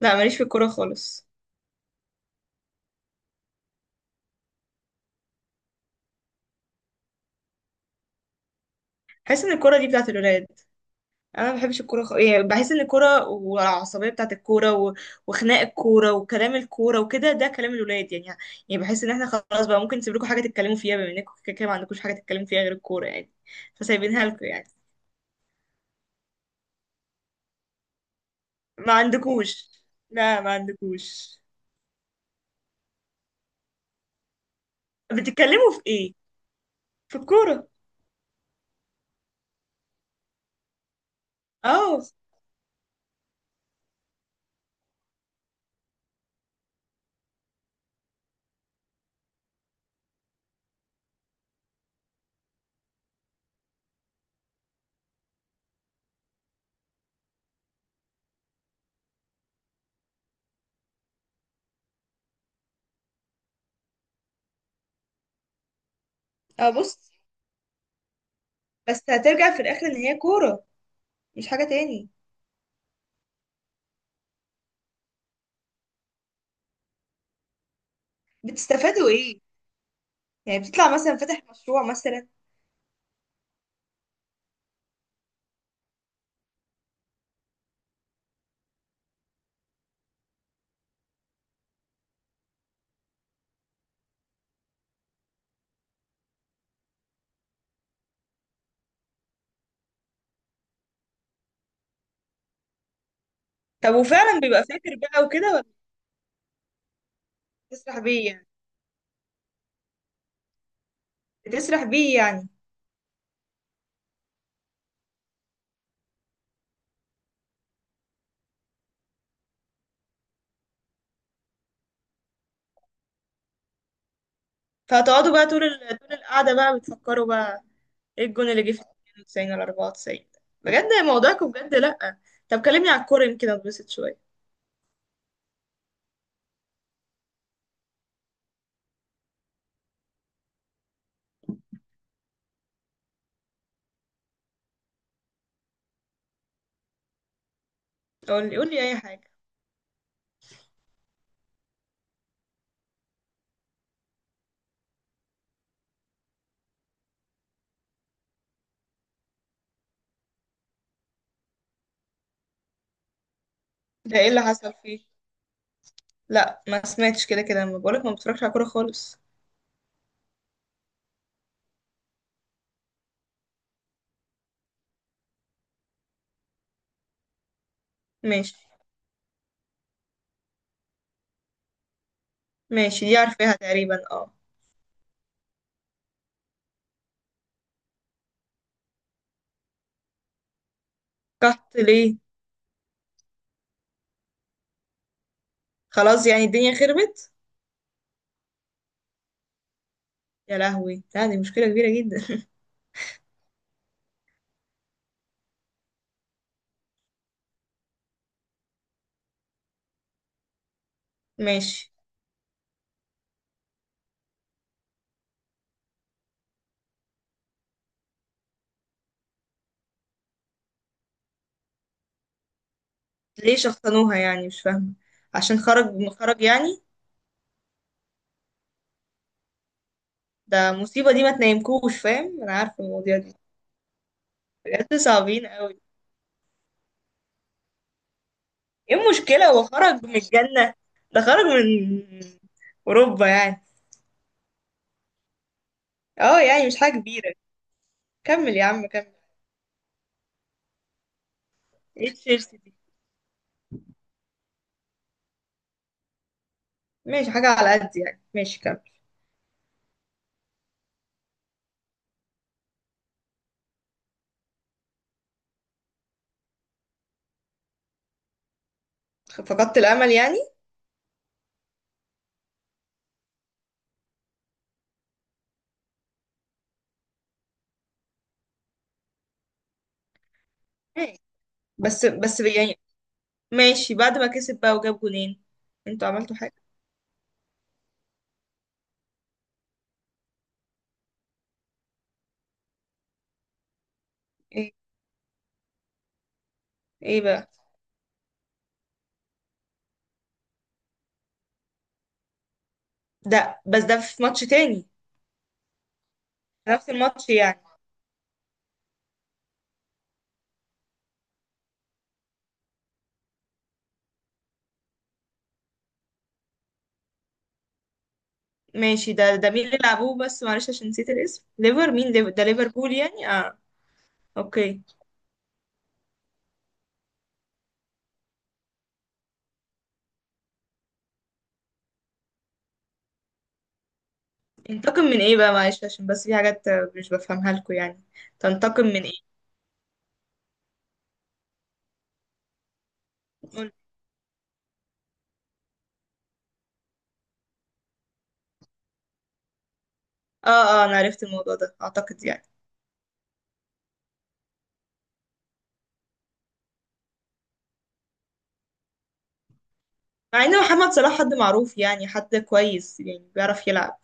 لا ماليش في الكوره خالص. بحس ان الكوره دي بتاعت الولاد. انا ما بحبش الكوره يعني بحس ان الكوره والعصبيه بتاعت الكوره وخناق الكوره وكلام الكوره وكده ده كلام الولاد يعني. يعني بحس ان احنا خلاص بقى ممكن نسيب لكم حاجه تتكلموا فيها، بما انكم كده كده ما عندكوش حاجه تتكلموا فيها غير الكوره يعني. فسايبينها لكم يعني. ما عندكوش. لا، ما عندكوش. بتتكلموا في ايه؟ في الكوره؟ اه، اه، بص، بس هترجع في الاخر ان هي كوره، مش حاجه تاني. بتستفادوا ايه؟ يعني بتطلع مثلا فاتح مشروع مثلا؟ طب وفعلا بيبقى فاكر بقى وكده ولا؟ بتسرح بيه يعني؟ بتسرح بيه يعني؟ فهتقعدوا بقى طول القعدة بقى بتفكروا بقى ايه الجون اللي جه في 92 ولا 94؟ بجد موضوعكم، بجد لأ. طب كلمني على الكورة يمكن اتبسط شوية. قول لي، قول لي اي حاجة. ده ايه اللي حصل فيه؟ لا، ما سمعتش، كده كده ما بقولك ما بتفرجش على كورة خالص. ماشي. ماشي، دي عارفاها تقريبا، اه. قحط ليه؟ خلاص، يعني الدنيا خربت؟ يا لهوي، لا دي مشكلة كبيرة جدا. ماشي. ليه شخصنوها يعني؟ مش فاهمة. عشان خرج، خرج يعني؟ ده مصيبة، دي ما تنامكوش، فاهم؟ انا عارفة المواضيع دي، بجد صعبين قوي. ايه المشكلة، هو خرج من الجنة؟ ده خرج من اوروبا يعني. اه، يعني مش حاجة كبيرة. كمل يا عم، كمل. ايه تشيلسي دي؟ ماشي، حاجة على قد يعني، ماشي كمل. فقدت الامل يعني؟ ماشي. بس بس يعني. ماشي، بعد ما كسب بقى وجاب جولين؟ انتوا عملتوا حاجة. ايه، ايه بقى؟ ده بس ده في ماتش تاني؟ نفس الماتش يعني؟ ماشي، ده مين اللي لعبوه؟ بس معلش عشان نسيت الاسم، ليفر مين؟ ليفر ده ليفربول يعني، اه. اوكي. انتقم من ايه بقى؟ معلش عشان بس في حاجات مش بفهمها لكم يعني. تنتقم من ايه؟ قول. اه، اه، انا عرفت الموضوع ده اعتقد يعني. مع ان محمد صلاح حد معروف يعني، حد كويس يعني، بيعرف يلعب.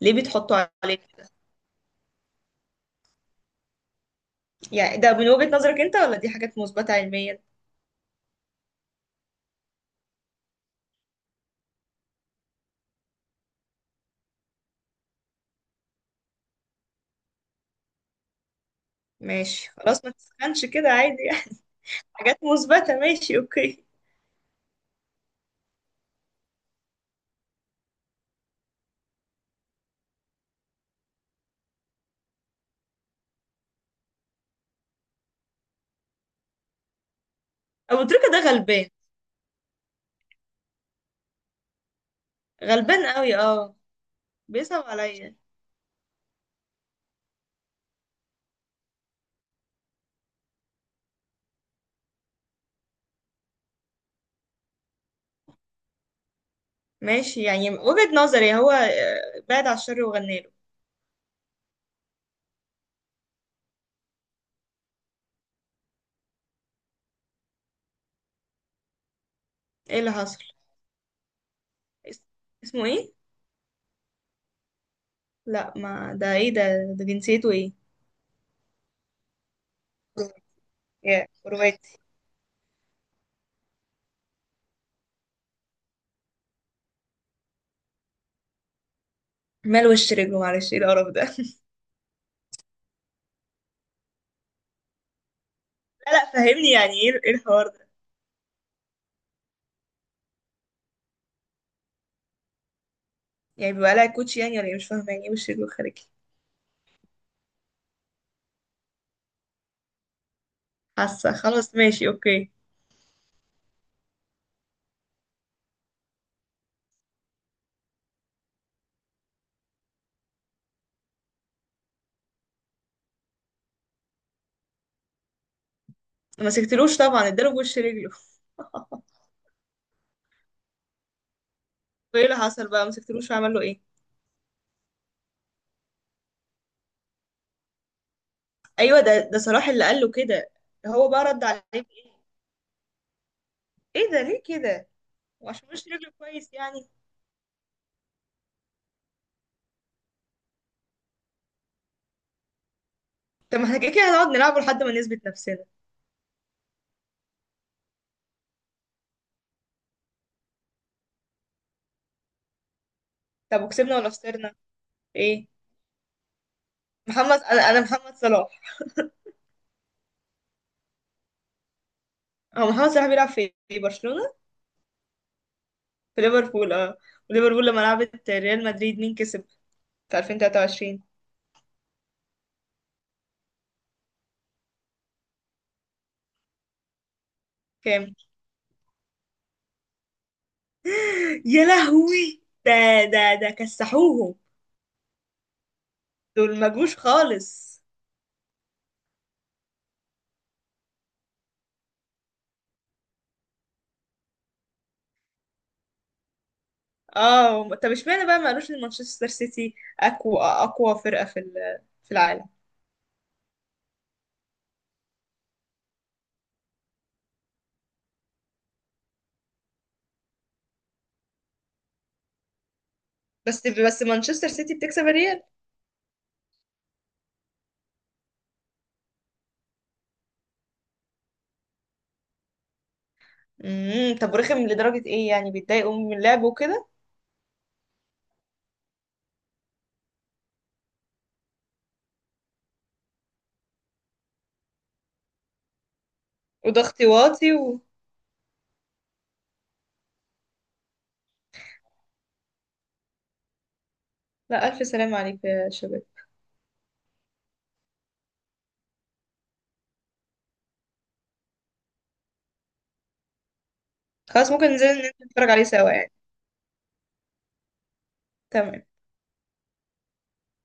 ليه بتحطوا عليه كده؟ يعني ده من وجهة نظرك انت ولا دي حاجات مثبتة علميا؟ ماشي خلاص، ما تسخنش كده، عادي يعني. حاجات مثبتة، ماشي، اوكي. ابو تريكة ده غلبان. غلبان قوي، اه. بيصعب عليا. ماشي، يعني وجهة نظري هو بعد على الشر وغنى له. ايه اللي حصل؟ اس- اسمه ايه؟ لا، ما ده ايه ده؟ ده جنسيته ايه؟ يا كرواتي. مال وش رجله؟ معلش، ايه القرف ده؟ لا، لا، فهمني يعني، ايه، ايه الحوار ده؟ يعني بيبقى لها كوتش يعني ولا ايه؟ مش فاهمه يعني ايه وش رجله خارجي. حاسه، خلاص، ماشي، اوكي. ما مسكتلوش طبعا، اداله بوش رجله. وايه اللي حصل بقى؟ ما مسكتلوش وعمل له ايه؟ ايوه، ده صلاح اللي قال له كده؟ هو بقى رد عليه بايه؟ ايه ده؟ ليه كده؟ وعشان وش رجله كويس يعني؟ طب ما احنا كده كده هنقعد نلعبه لحد ما نثبت نفسنا. طب وكسبنا ولا خسرنا؟ ايه؟ محمد، انا محمد صلاح. هو محمد صلاح بيلعب في برشلونة؟ في ليفربول. اه. وليفربول لما لعبت ريال مدريد، مين كسب؟ في 2023. كام؟ يا لهوي ده. ده كسحوهم. دول ما جوش خالص. اه، طب اشمعنى بقى ما قالوش ان مانشستر سيتي اقوى، اقوى فرقة في العالم؟ بس بس مانشستر سيتي بتكسب الريال. طب رخم لدرجة ايه يعني؟ بيتضايقوا من اللعب؟ وده اختواطي لا، ألف سلام عليك يا شباب. خلاص، ممكن ننزل نتفرج عليه سوا يعني؟ تمام.